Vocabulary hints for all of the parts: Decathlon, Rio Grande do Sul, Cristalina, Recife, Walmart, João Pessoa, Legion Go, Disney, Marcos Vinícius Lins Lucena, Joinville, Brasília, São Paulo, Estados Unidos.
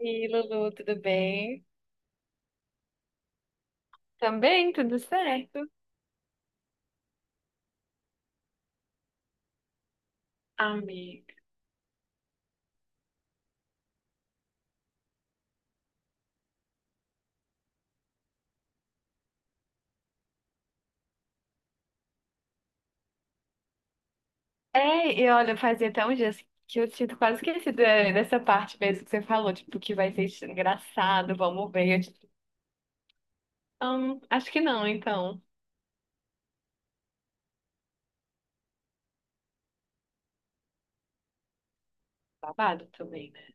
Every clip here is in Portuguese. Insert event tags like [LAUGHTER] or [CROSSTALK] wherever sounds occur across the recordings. E Lulu, tudo bem? Também, tudo certo, amiga. É, e olha, fazia até uns dias que eu tinha quase esquecido dessa parte mesmo que você falou, tipo, que vai ser engraçado, vamos ver. Eu, tipo, acho que não, então. Babado também, né?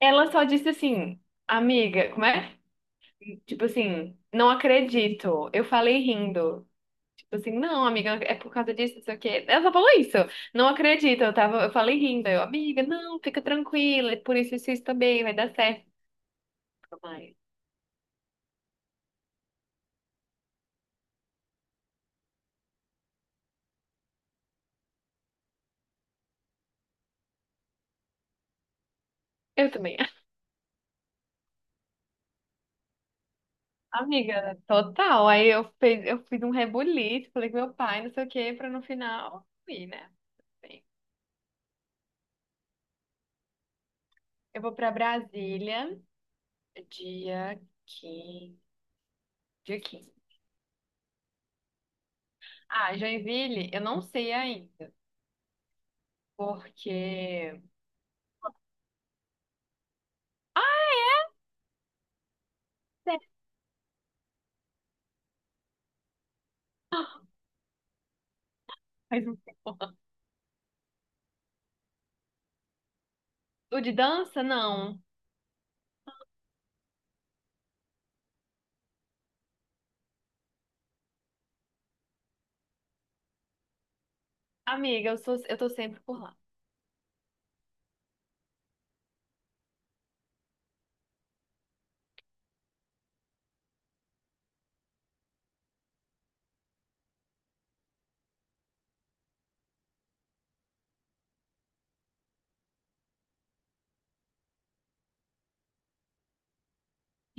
Ela só disse assim, amiga, como é? Tipo assim, não acredito. Eu falei rindo. Tipo assim, não, amiga, é por causa disso, não sei o quê. Ela só falou isso. Não acredito. Eu falei rindo. Eu, amiga, não, fica tranquila. É por isso, isso, isso também vai dar certo. Mãe. Eu também. Amiga, total. Aí eu fiz um rebuliço, falei com meu pai, não sei o quê, pra no final ir, né? Bem, eu vou pra Brasília dia 15. Dia quinze. Ah, Joinville, eu não sei ainda. Porque. Sério. Faz um tempo. O de dança, não. Amiga, eu tô sempre por lá.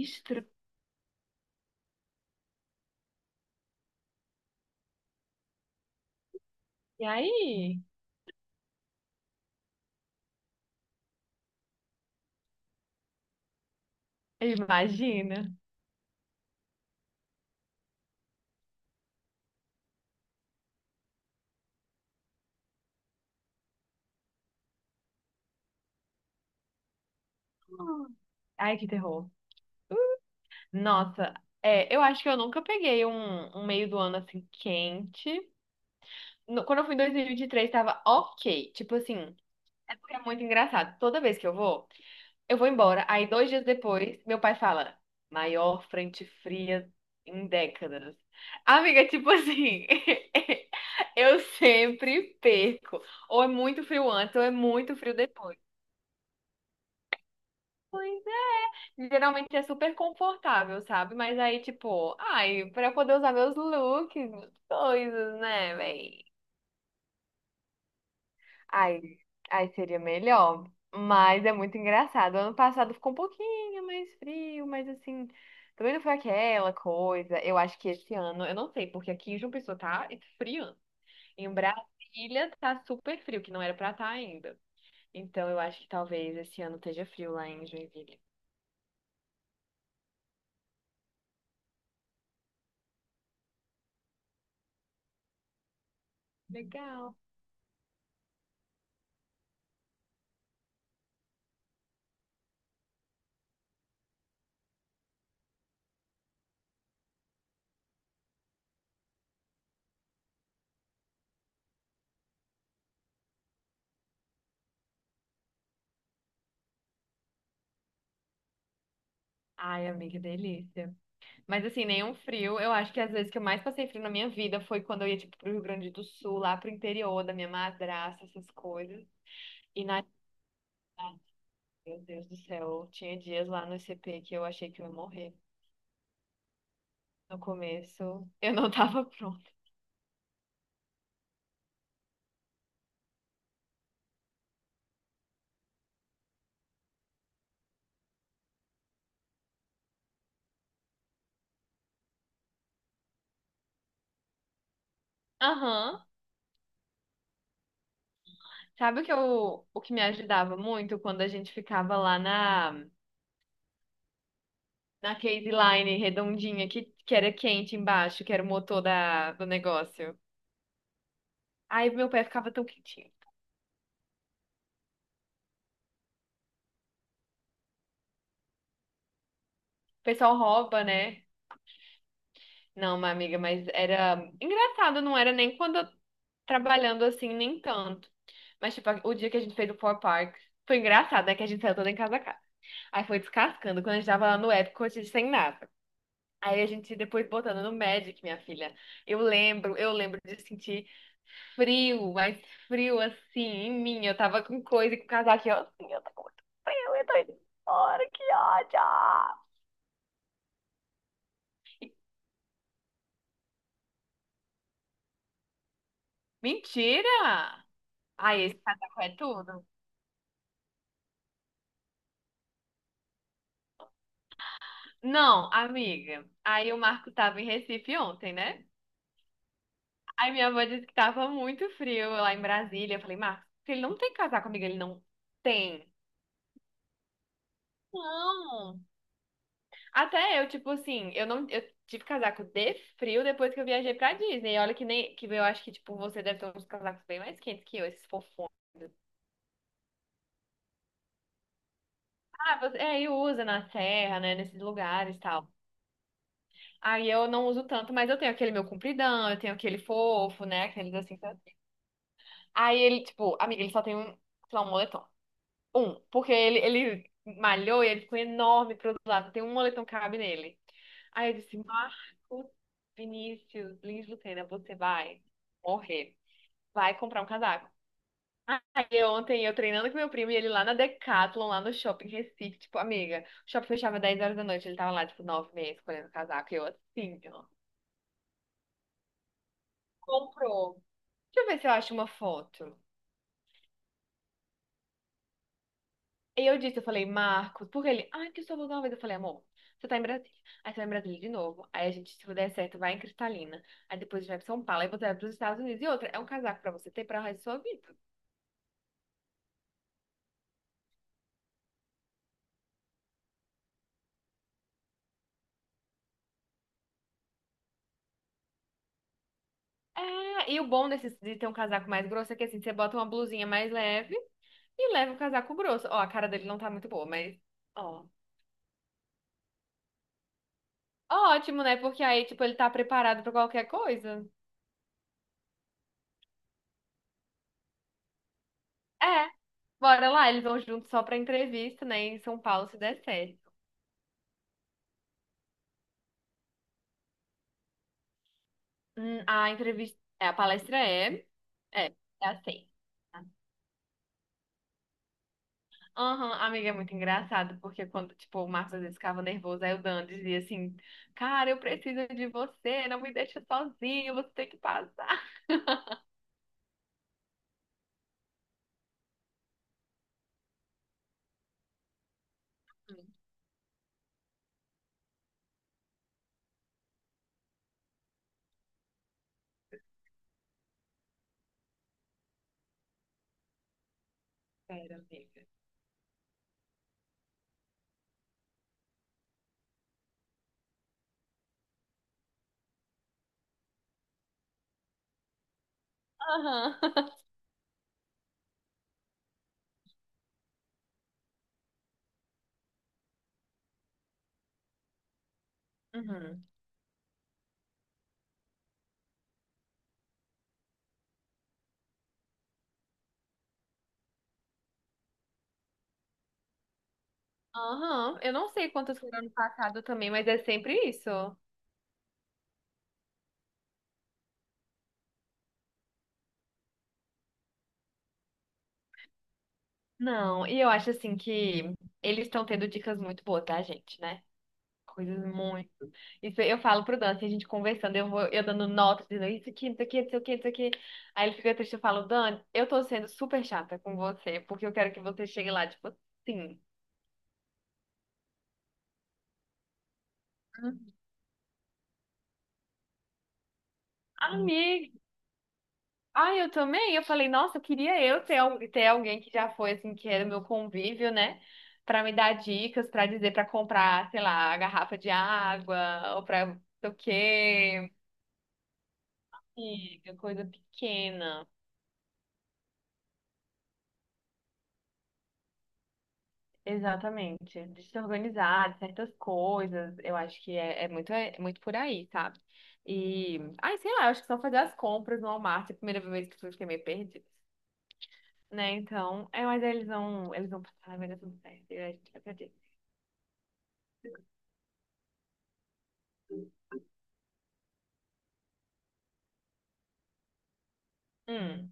Estra- E aí? Imagina. Hum. Ai, que terror. Nossa, é, eu acho que eu nunca peguei um meio do ano assim quente. Quando eu fui em 2023, tava ok. Tipo assim, é muito engraçado. Toda vez que eu vou, eu vou embora. Aí, 2 dias depois, meu pai fala: maior frente fria em décadas. Amiga, tipo assim, [LAUGHS] eu sempre perco. Ou é muito frio antes, ou é muito frio depois. Geralmente é super confortável, sabe? Mas aí, tipo, ai, pra eu poder usar meus looks, coisas, né, véi? Aí, aí seria melhor. Mas é muito engraçado. Ano passado ficou um pouquinho mais frio, mas assim, também não foi aquela coisa. Eu acho que esse ano, eu não sei, porque aqui em João Pessoa tá esfriando. Em Brasília tá super frio, que não era pra estar ainda. Então eu acho que talvez esse ano esteja frio lá em Joinville. Legal. Ai, amiga, que delícia. Mas assim, nenhum frio. Eu acho que as vezes que eu mais passei frio na minha vida foi quando eu ia, tipo, pro Rio Grande do Sul, lá pro interior da minha madrasta, essas coisas. E na Ah, meu Deus do céu, tinha dias lá no CP que eu achei que eu ia morrer. No começo, [LAUGHS] eu não tava [LAUGHS] pronta. Aham. Sabe o que me ajudava muito quando a gente ficava lá na case line redondinha que era quente embaixo, que era o motor do negócio. Aí meu pé ficava tão quentinho. O pessoal rouba, né? Não, minha amiga, mas era engraçado, não era nem quando eu trabalhando assim, nem tanto. Mas tipo, o dia que a gente fez o Four Park foi engraçado, né? Que a gente saiu toda em casa. Aí foi descascando. Quando a gente tava lá no Epic, eu tinha sem nada. Aí a gente depois botando no Magic, minha filha. Eu lembro de sentir frio, mas frio assim em mim. Eu tava com coisa, com casaco, e eu assim, eu tô com muito frio, eu tô indo embora, que ódio! Mentira! Ai, esse casaco é tudo. Não, amiga. Aí o Marco tava em Recife ontem, né? Aí minha avó disse que tava muito frio lá em Brasília. Eu falei, Marcos, ele não tem casaco, amiga, ele não tem. Não. Até eu, tipo assim, eu não, eu tive casaco de frio depois que eu viajei pra Disney. E olha que nem, que eu acho que, tipo, você deve ter uns casacos bem mais quentes que eu, esses fofões. Ah, você, é, e usa na serra, né, nesses lugares e tal. Aí eu não uso tanto, mas eu tenho aquele meu compridão, eu tenho aquele fofo, né, aqueles assim, sabe? Aí ele, tipo, amiga, ele só tem um, sei lá, um moletom. Porque ele malhou e ele ficou enorme pro outro lado. Tem um moletom que cabe nele. Aí eu disse, Marcos Vinícius Lins Lucena, você vai morrer. Vai comprar um casaco. Ontem eu treinando com meu primo e ele lá na Decathlon, lá no shopping em Recife, tipo, amiga, o shopping fechava 10 horas da noite, ele tava lá, tipo, 9 meia escolhendo casaco. E eu assim, ó. Comprou. Deixa eu ver se eu acho uma foto. E eu falei, Marcos, porque ele, ah, que eu só vou dar uma vez. Eu falei, amor, você tá em Brasília. Aí você vai em Brasília de novo. Aí a gente, se der certo, vai em Cristalina. Aí depois a gente vai pra São Paulo. Aí você vai pros Estados Unidos. E outra, é um casaco pra você ter pra resto da sua vida. É, e o bom desse, de ter um casaco mais grosso é que assim, você bota uma blusinha mais leve e leva o casaco grosso. Ó, a cara dele não tá muito boa, mas, ó. Ótimo, né? Porque aí, tipo, ele tá preparado pra qualquer coisa. É. Bora lá, eles vão juntos só pra entrevista, né? Em São Paulo, se der certo. A palestra é, é assim. Aham, amiga, é muito engraçado, porque quando, tipo, o Marcos às vezes ficava nervoso, aí o Dan dizia assim, cara, eu preciso de você, não me deixa sozinho, você tem que passar. Pera, amiga. Aham. [LAUGHS] Uhum. Aham, eu não sei quantas foram ano passado também, mas é sempre isso. Não, e eu acho assim que eles estão tendo dicas muito boas, tá, gente, né? Coisas muito. Isso eu falo pro Dan, assim, a gente conversando, eu dando notas, dizendo isso aqui, isso aqui, isso aqui, isso aqui. Aí ele fica triste, eu falo, Dan, eu tô sendo super chata com você, porque eu quero que você chegue lá, tipo, assim, amigo. Ah, eu também? Eu falei, nossa, queria eu ter, ter alguém que já foi, assim, que era o meu convívio, né? Pra me dar dicas, pra dizer, pra comprar, sei lá, a garrafa de água, ou pra não sei o quê. Amiga, coisa pequena. Exatamente. De se organizar, de certas coisas. Eu acho que é muito por aí, sabe? E, ai, sei lá, eu acho que só fazer as compras no Walmart, é a primeira vez que eu fiquei meio perdida, né? Então, é, mas eles vão passar, vai dar tudo certo. E a gente vai pra Disney. Hum,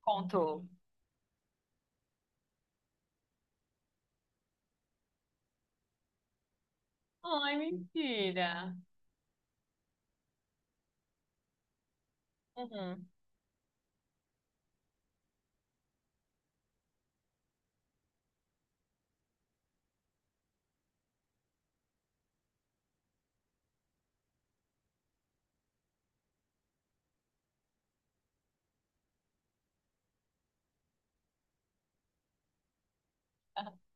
Contou. Ai, mentira. Uhum. [LAUGHS]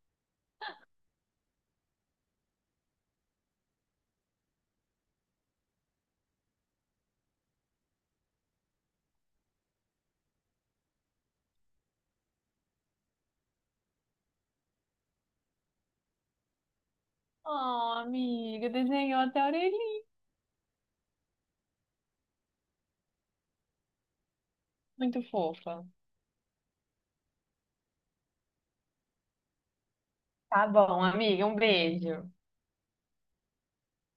Oh, amiga, desenhou até a orelhinha. Muito fofa. Tá bom, amiga, um beijo.